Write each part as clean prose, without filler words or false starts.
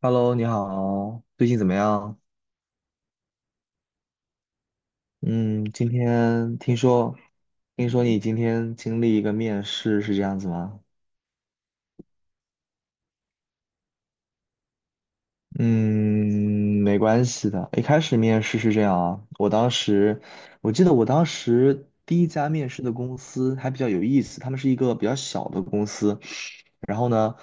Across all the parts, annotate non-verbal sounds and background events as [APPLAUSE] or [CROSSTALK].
Hello，你好，最近怎么样？嗯，今天听说，你今天经历一个面试，是这样子吗？嗯，没关系的。一开始面试是这样啊，我记得我当时第一家面试的公司还比较有意思，他们是一个比较小的公司，然后呢，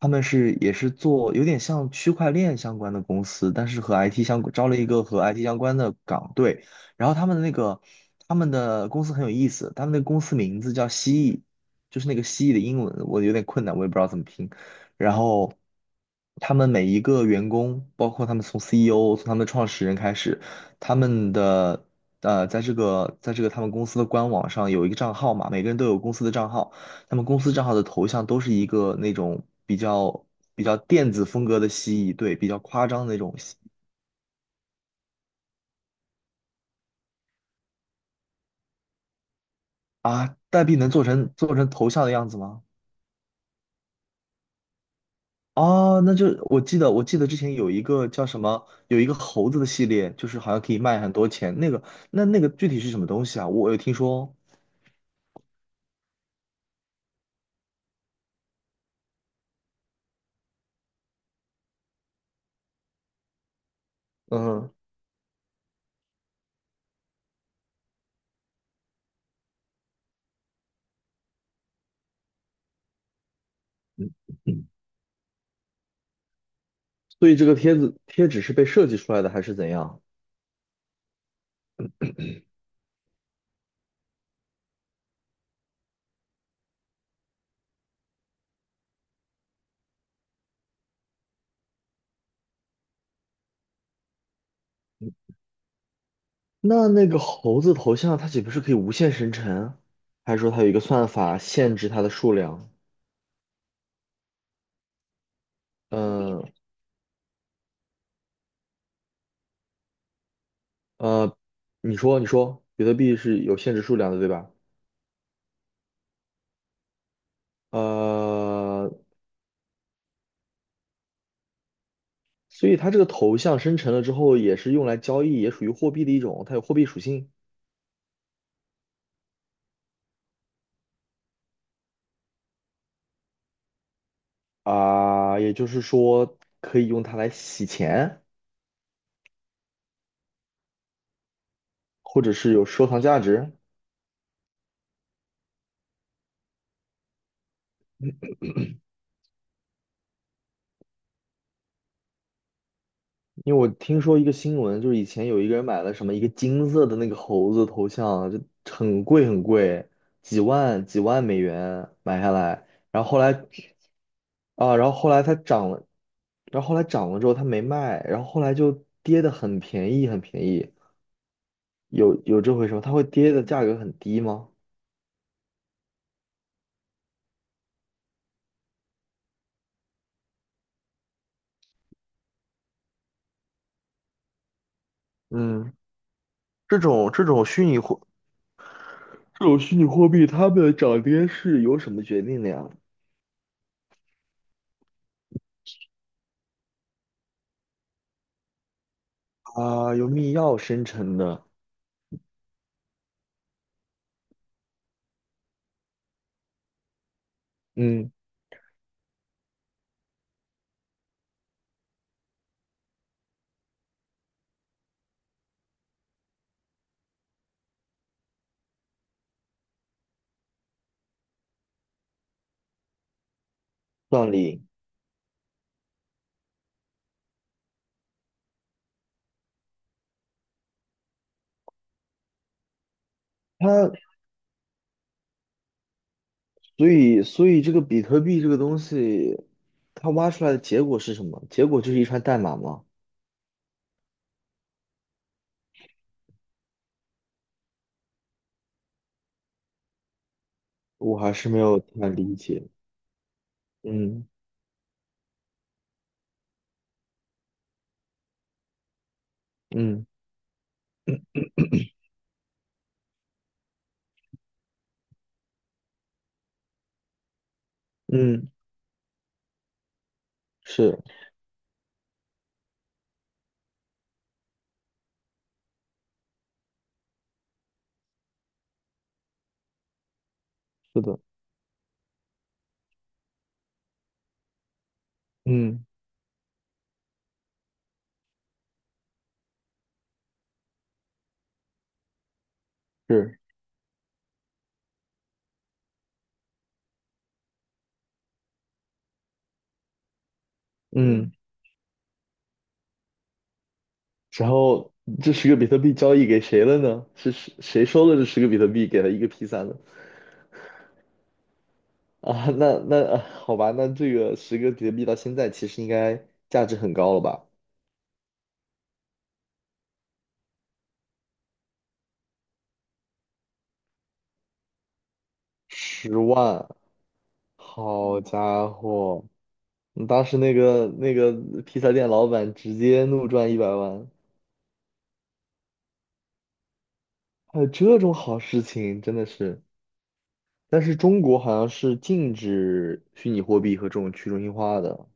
他们也是做有点像区块链相关的公司，但是和 IT 相招了一个和 IT 相关的岗队。然后他们的公司很有意思，他们的公司名字叫蜥蜴，就是那个蜥蜴的英文我有点困难，我也不知道怎么拼。然后他们每一个员工，包括他们从 CEO、 从他们的创始人开始，他们的呃在这个在这个他们公司的官网上有一个账号嘛，每个人都有公司的账号。他们公司账号的头像都是一个那种比较电子风格的蜥蜴，对，比较夸张的那种蜥蜴啊。代币能做成头像的样子吗？哦，那就我记得之前有一个叫什么，有一个猴子的系列，就是好像可以卖很多钱。那个具体是什么东西啊？我有听说哦，嗯。所以这个贴纸是被设计出来的还是怎样？那个猴子头像它岂不是可以无限生成？还是说它有一个算法限制它的数量？嗯。呃，你说，比特币是有限制数量的，对吧？呃，所以它这个头像生成了之后，也是用来交易，也属于货币的一种，它有货币属性啊，也就是说可以用它来洗钱，或者是有收藏价值。因为我听说一个新闻，就是以前有一个人买了什么一个金色的那个猴子头像，就很贵很贵，几万几万美元买下来，然后后来啊，然后后来它涨了，然后后来涨了之后它没卖，然后后来就跌得很便宜很便宜，有这回事吗？它会跌的价格很低吗？嗯，这种这种虚拟货这种虚拟货币，它们的涨跌是由什么决定的呀？啊，由密钥生成的，嗯，算力。它所以所以这个比特币这个东西，它挖出来的结果是什么？结果就是一串代码吗？我还是没有太理解。嗯嗯嗯，是是的，嗯，是，嗯，嗯，然后这十个比特币交易给谁了呢？是谁收了这十个比特币给了一个 P 三的？啊，那那啊好吧，那这个十个比特币到现在其实应该价值很高了吧？10万。好家伙，你当时那个披萨店老板直接怒赚100万，还有这种好事情，真的是。但是中国好像是禁止虚拟货币和这种去中心化的，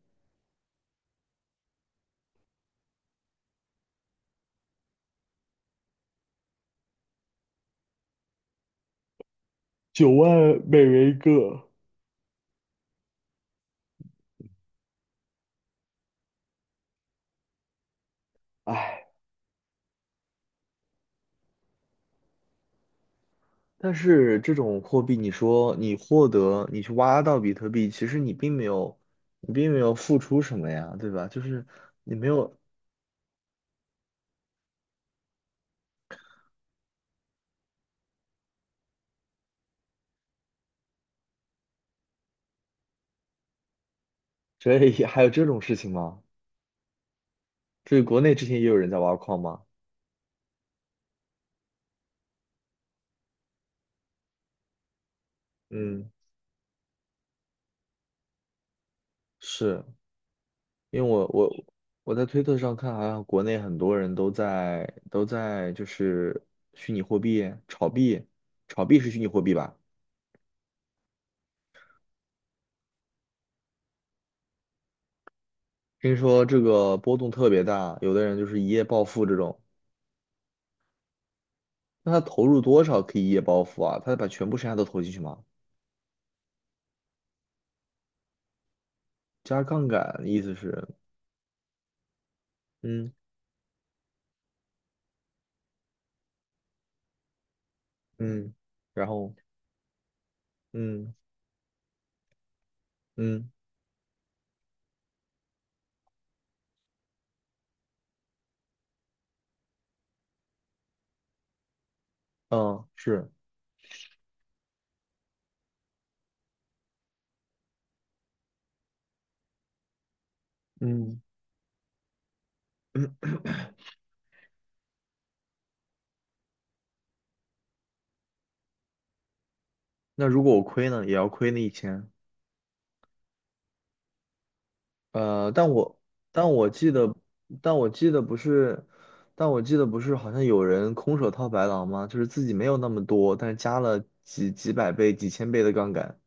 9万美元一个。唉，但是这种货币，你说你获得，你去挖到比特币，其实你并没有付出什么呀，对吧？就是你没有，这也还有这种事情吗？这国内之前也有人在挖矿吗？嗯。是因为我在推特上看，好像国内很多人都在就是虚拟货币炒币，炒币是虚拟货币吧？听说这个波动特别大，有的人就是一夜暴富这种。那他投入多少可以一夜暴富啊？他把全部身家都投进去吗？加杠杆意思是，嗯嗯，然后嗯嗯嗯，是，嗯。[COUGHS] [CLEARS THROAT] 那如果我亏呢，也要亏那一千。呃，但我但我记得，但我记得不是，但我记得不是，好像有人空手套白狼吗？就是自己没有那么多，但是加了几百倍、几千倍的杠杆，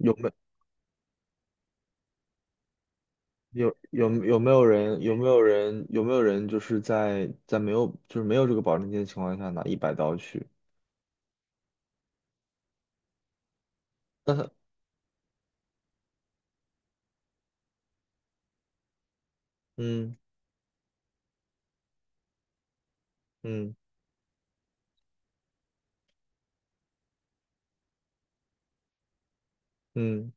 有没有有有没有人有没有人有没有人就是在没有这个保证金的情况下拿100刀去？但是嗯嗯嗯，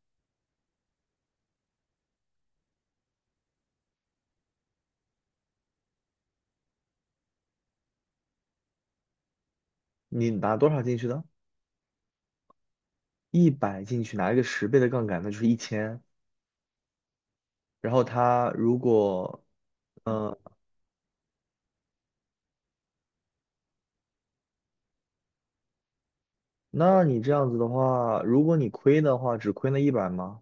你拿多少进去的？一百进去拿一个10倍的杠杆，那就是一千。然后他如果呃那你这样子的话，如果你亏的话，只亏那一百吗？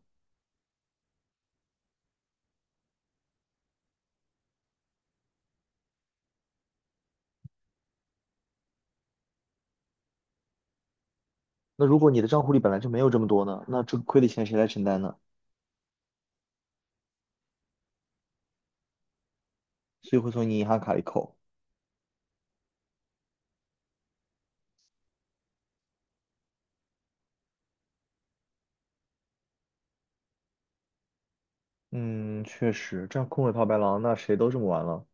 那如果你的账户里本来就没有这么多呢，那这个亏的钱谁来承担呢？所以会从你银行卡里扣。嗯，确实，这样空手套白狼，那谁都这么玩了。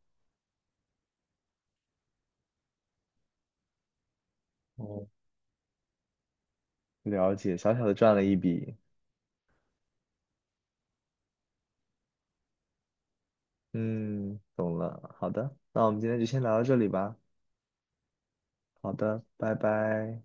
哦，了解，小小的赚了一笔。嗯，懂了。好的，那我们今天就先聊到这里吧。好的，拜拜。